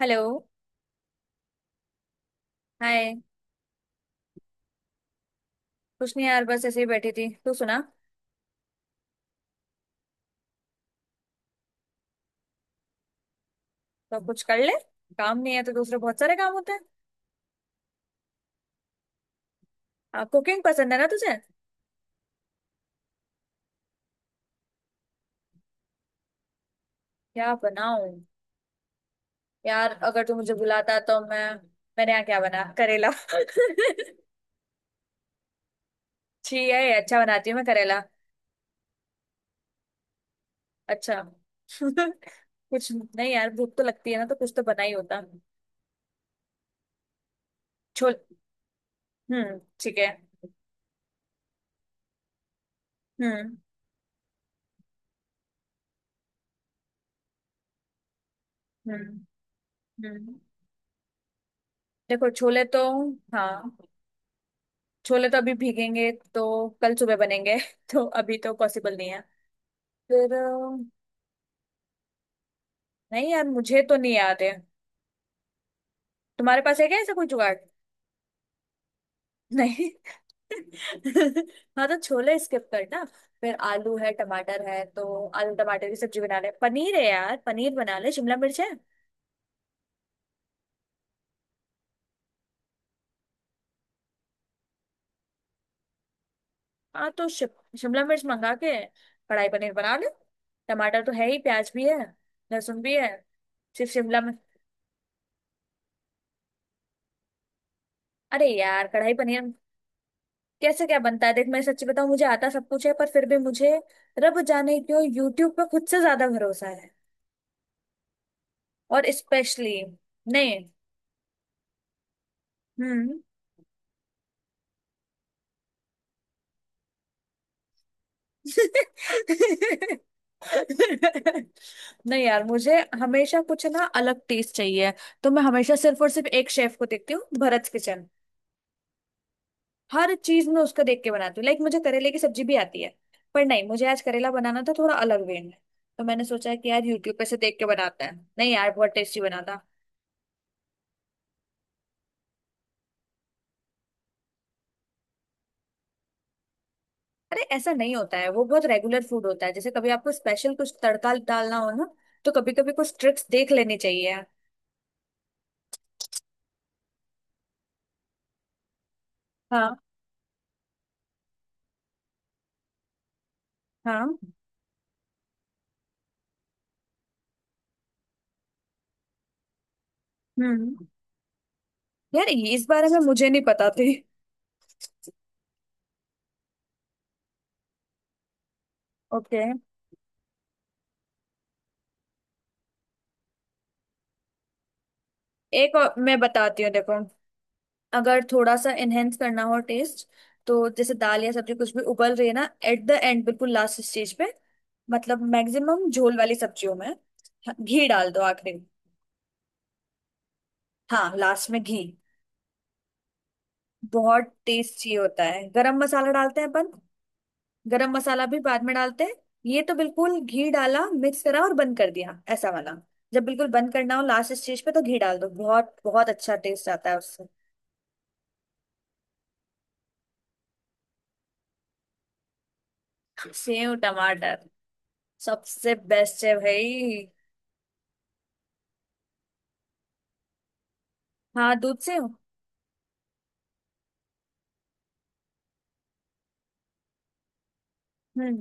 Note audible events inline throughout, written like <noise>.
Hello. Hi. कुछ नहीं यार, बस ऐसे ही बैठी थी। तू सुना? तो कुछ कर ले। काम नहीं है तो दूसरे बहुत सारे काम होते हैं। कुकिंग पसंद है ना तुझे? क्या बनाऊं? यार अगर तू मुझे बुलाता तो मैं। मैंने यहाँ क्या बना, करेला <laughs> छी है? अच्छा बनाती हूँ मैं करेला। अच्छा <laughs> कुछ नहीं यार, भूख तो लगती है ना, तो कुछ तो बना ही होता। छोल। हम्म, ठीक है। हम्म। हम्म। हम्म। देखो छोले तो। हाँ, छोले तो अभी भीगेंगे तो कल सुबह बनेंगे <laughs> तो अभी तो पॉसिबल नहीं है। फिर अ, नहीं यार, मुझे तो नहीं याद है। तुम्हारे पास है क्या ऐसा कोई जुगाड़? नहीं। <laughs> हाँ तो छोले स्किप करना। फिर आलू है, टमाटर है, तो आलू टमाटर की सब्जी बना ले। पनीर है यार, पनीर बना ले। शिमला मिर्च है? हाँ तो शिमला मिर्च मंगा के कढ़ाई पनीर बना ले। टमाटर तो है ही, प्याज भी है। लहसुन भी है। सिर्फ शिमला मिर्च। अरे यार कढ़ाई पनीर। कैसे क्या बनता है, देख मैं सच्ची बताऊं, मुझे आता सब कुछ है, पर फिर भी मुझे रब जाने क्यों यूट्यूब पे खुद से ज्यादा भरोसा है। और स्पेशली नहीं। हम्म। <laughs> नहीं यार, मुझे हमेशा कुछ ना अलग टेस्ट चाहिए। तो मैं हमेशा सिर्फ और सिर्फ एक शेफ को देखती हूँ, भरत किचन। हर चीज में उसका देख के बनाती हूँ। लाइक मुझे करेले की सब्जी भी आती है, पर नहीं, मुझे आज करेला बनाना था थोड़ा अलग वे में। तो मैंने सोचा कि यार यूट्यूब पे से देख के बनाते हैं। नहीं यार, बहुत टेस्टी बना था। अरे ऐसा नहीं होता है, वो बहुत रेगुलर फूड होता है। जैसे कभी आपको स्पेशल कुछ तड़का डालना हो ना, तो कभी कभी कुछ ट्रिक्स देख लेनी चाहिए। हाँ। हाँ। हम्म। हम्म। यार ये इस बारे में मुझे नहीं पता थी। ओके। एक और मैं बताती हूँ, देखो। अगर थोड़ा सा एनहेंस करना हो टेस्ट, तो जैसे दाल या सब्जी कुछ भी उबल रही है ना, एट द एंड, बिल्कुल लास्ट स्टेज पे, मतलब मैक्सिमम झोल वाली सब्जियों में, हाँ, घी डाल दो आखिरी में। हाँ, लास्ट में घी बहुत टेस्टी होता है। गरम मसाला डालते हैं अपन। गरम मसाला भी बाद में डालते हैं। ये तो बिल्कुल घी डाला, मिक्स करा और बंद कर दिया, ऐसा वाला। जब बिल्कुल बंद करना हो लास्ट स्टेज पे, तो घी डाल दो, बहुत बहुत अच्छा टेस्ट आता है उससे। सेव टमाटर। सबसे बेस्ट है भाई। हाँ, दूध सेव। हम्म।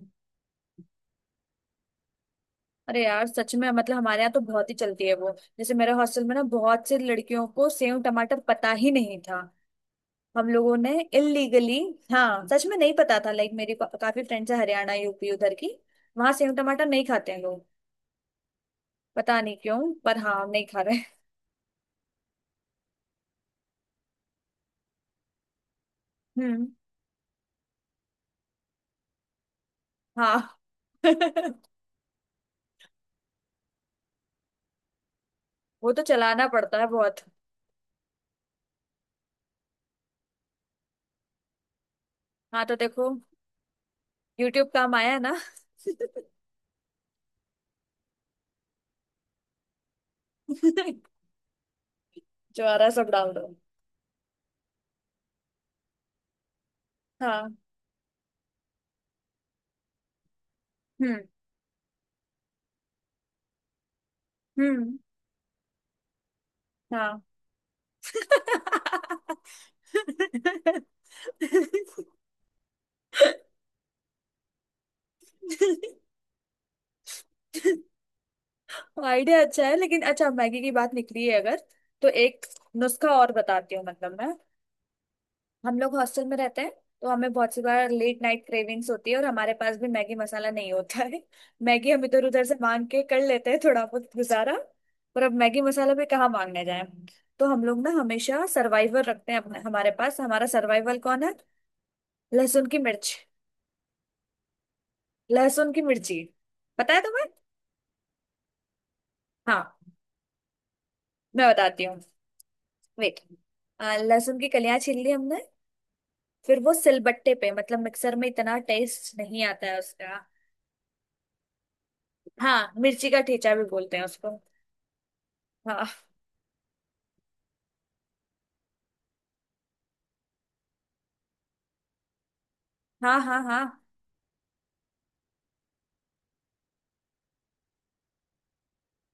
अरे यार सच में, मतलब हमारे यहाँ तो बहुत ही चलती है वो। जैसे मेरे हॉस्टल में ना बहुत से लड़कियों को सेव टमाटर पता ही नहीं था। हम लोगों ने इलीगली। हाँ सच में नहीं पता था। लाइक मेरी काफी फ्रेंड्स है हरियाणा यूपी उधर की। वहां सेव टमाटर नहीं खाते हैं लोग। पता नहीं क्यों। पर हाँ, हम नहीं खा रहे। हम्म। हाँ। <laughs> वो तो चलाना पड़ता है बहुत। हाँ तो देखो, यूट्यूब काम आया है ना। <laughs> जो आ रहा है सब डाल दो। हाँ। हम्म। हम्म। हाँ। <laughs> आइडिया अच्छा है लेकिन। अच्छा, मैगी की बात निकली है, अगर तो एक नुस्खा और बताती हूँ। मतलब मैं, हम लोग हॉस्टल में रहते हैं, तो हमें बहुत सी बार लेट नाइट क्रेविंग्स होती है, और हमारे पास भी मैगी मसाला नहीं होता है <laughs> मैगी हम इधर उधर से मांग के कर लेते हैं थोड़ा बहुत गुजारा। पर अब मैगी मसाला भी कहाँ मांगने जाए। तो हम लोग ना हमेशा सर्वाइवर रखते हैं अपने। हमारे पास हमारा सर्वाइवल कौन है? लहसुन की मिर्च। लहसुन की मिर्ची। पता है तुम्हें? हाँ मैं बताती हूँ। वेट। लहसुन की कलियां छील ली हमने। फिर वो सिलबट्टे पे, मतलब मिक्सर में इतना टेस्ट नहीं आता है उसका। हाँ, मिर्ची का ठेचा भी बोलते हैं उसको। हाँ हाँ हाँ। हाँ।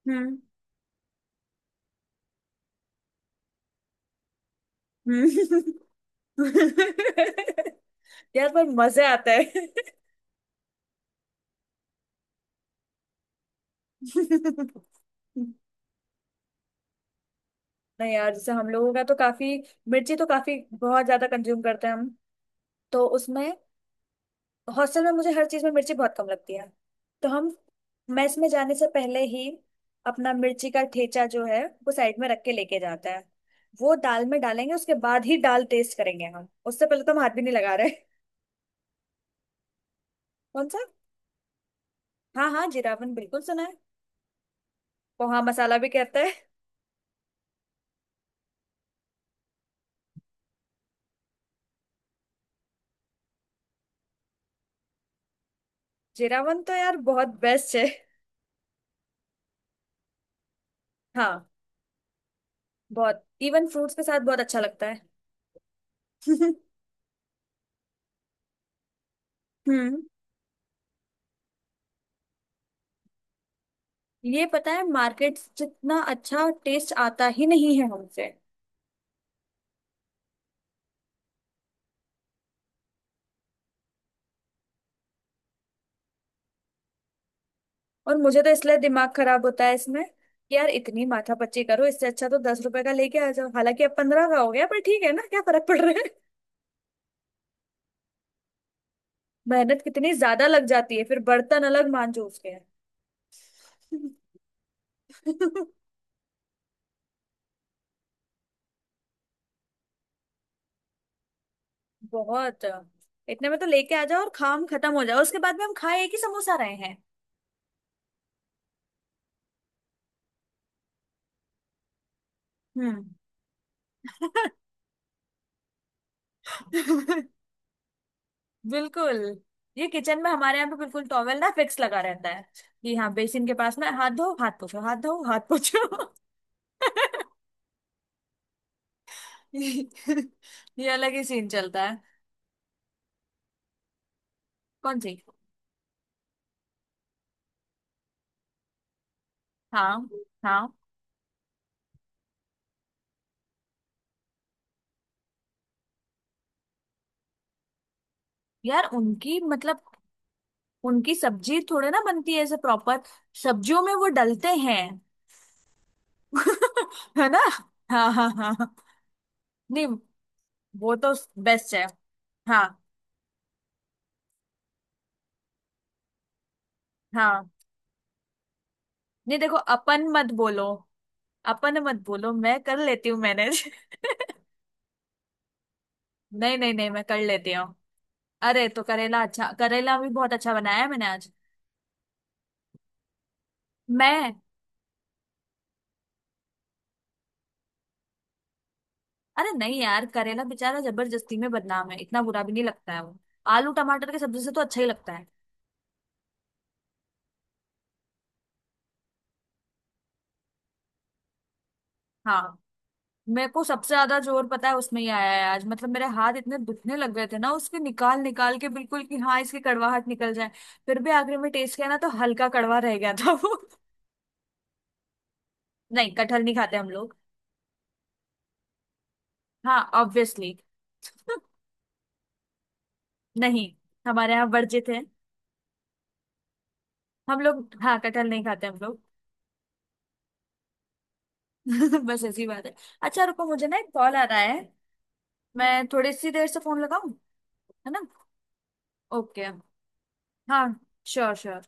हम्म। हम्म। <laughs> यार पर मजे आता है <laughs> नहीं यार, जैसे हम लोगों का तो काफी, मिर्ची तो काफी बहुत ज्यादा कंज्यूम करते हैं हम। तो उसमें हॉस्टल में मुझे हर चीज में मिर्ची बहुत कम लगती है। तो हम मेस में जाने से पहले ही अपना मिर्ची का ठेचा जो है वो साइड में रख के लेके जाता है। वो दाल में डालेंगे, उसके बाद ही दाल टेस्ट करेंगे हम, उससे पहले तो हम हाथ भी नहीं लगा रहे <laughs> कौन सा? हाँ हाँ, जीरावन बिल्कुल सुना है। पोहा मसाला भी कहते हैं। जीरा वन तो यार बहुत बेस्ट है। हाँ, बहुत। इवन फ्रूट्स के साथ बहुत अच्छा लगता है। <laughs> हम्म। ये पता है, मार्केट जितना अच्छा टेस्ट आता ही नहीं है हमसे। और मुझे तो इसलिए दिमाग खराब होता है इसमें, कि यार इतनी माथापच्ची करो, इससे अच्छा तो 10 रुपए का लेके आ जाओ। हालांकि अब 15 का हो गया, पर ठीक है ना, क्या फर्क पड़ रहा है <laughs> मेहनत कितनी ज्यादा लग जाती है, फिर बर्तन अलग मांजो उसके। <laughs> बहुत। इतने में तो लेके आ जाओ और काम खत्म हो जाओ, उसके बाद में हम खाए एक ही समोसा रहे। हम्म। <laughs> बिल्कुल। ये किचन में हमारे यहाँ पे बिल्कुल टॉवेल ना फिक्स लगा रहता है, कि हाँ बेसिन के पास में, हाथ धो हाथ पोछो, हाथ धो हाथ पोछो। <laughs> ये अलग ही सीन चलता है। कौन सी? हाँ हाँ। यार उनकी मतलब, उनकी सब्जी थोड़े ना बनती है ऐसे प्रॉपर, सब्जियों में वो डलते हैं। <laughs> है ना। हाँ हाँ हाँ। नहीं, वो तो बेस्ट है। हाँ। हाँ, नहीं देखो अपन मत बोलो। अपन मत बोलो, मैं कर लेती हूँ मैनेज। <laughs> नहीं नहीं नहीं, मैं कर लेती हूँ। अरे तो करेला, अच्छा करेला भी बहुत अच्छा बनाया है मैंने आज। मैं। अरे नहीं यार, करेला बेचारा जबरदस्ती में बदनाम है, इतना बुरा भी नहीं लगता है वो। आलू टमाटर की सब्जी से तो अच्छा ही लगता है। हाँ। मेरे को सबसे ज्यादा जोर पता है उसमें ही आया है आज, मतलब मेरे हाथ इतने दुखने लग गए थे ना उसके निकाल निकाल के, बिल्कुल कि हाँ इसकी कड़वाहट निकल जाए। फिर भी आखिर में टेस्ट किया ना तो हल्का कड़वा रह गया था वो। <laughs> नहीं, कटहल नहीं खाते हम लोग। हाँ ऑब्वियसली। <laughs> नहीं, हमारे यहाँ वर्जित है। हम लोग, हाँ, कटहल नहीं खाते हम लोग। <laughs> बस ऐसी बात है। अच्छा रुको, मुझे ना एक कॉल आ रहा है। मैं थोड़ी सी देर से फोन लगाऊं, है ना? ओके। हाँ। Sure sure.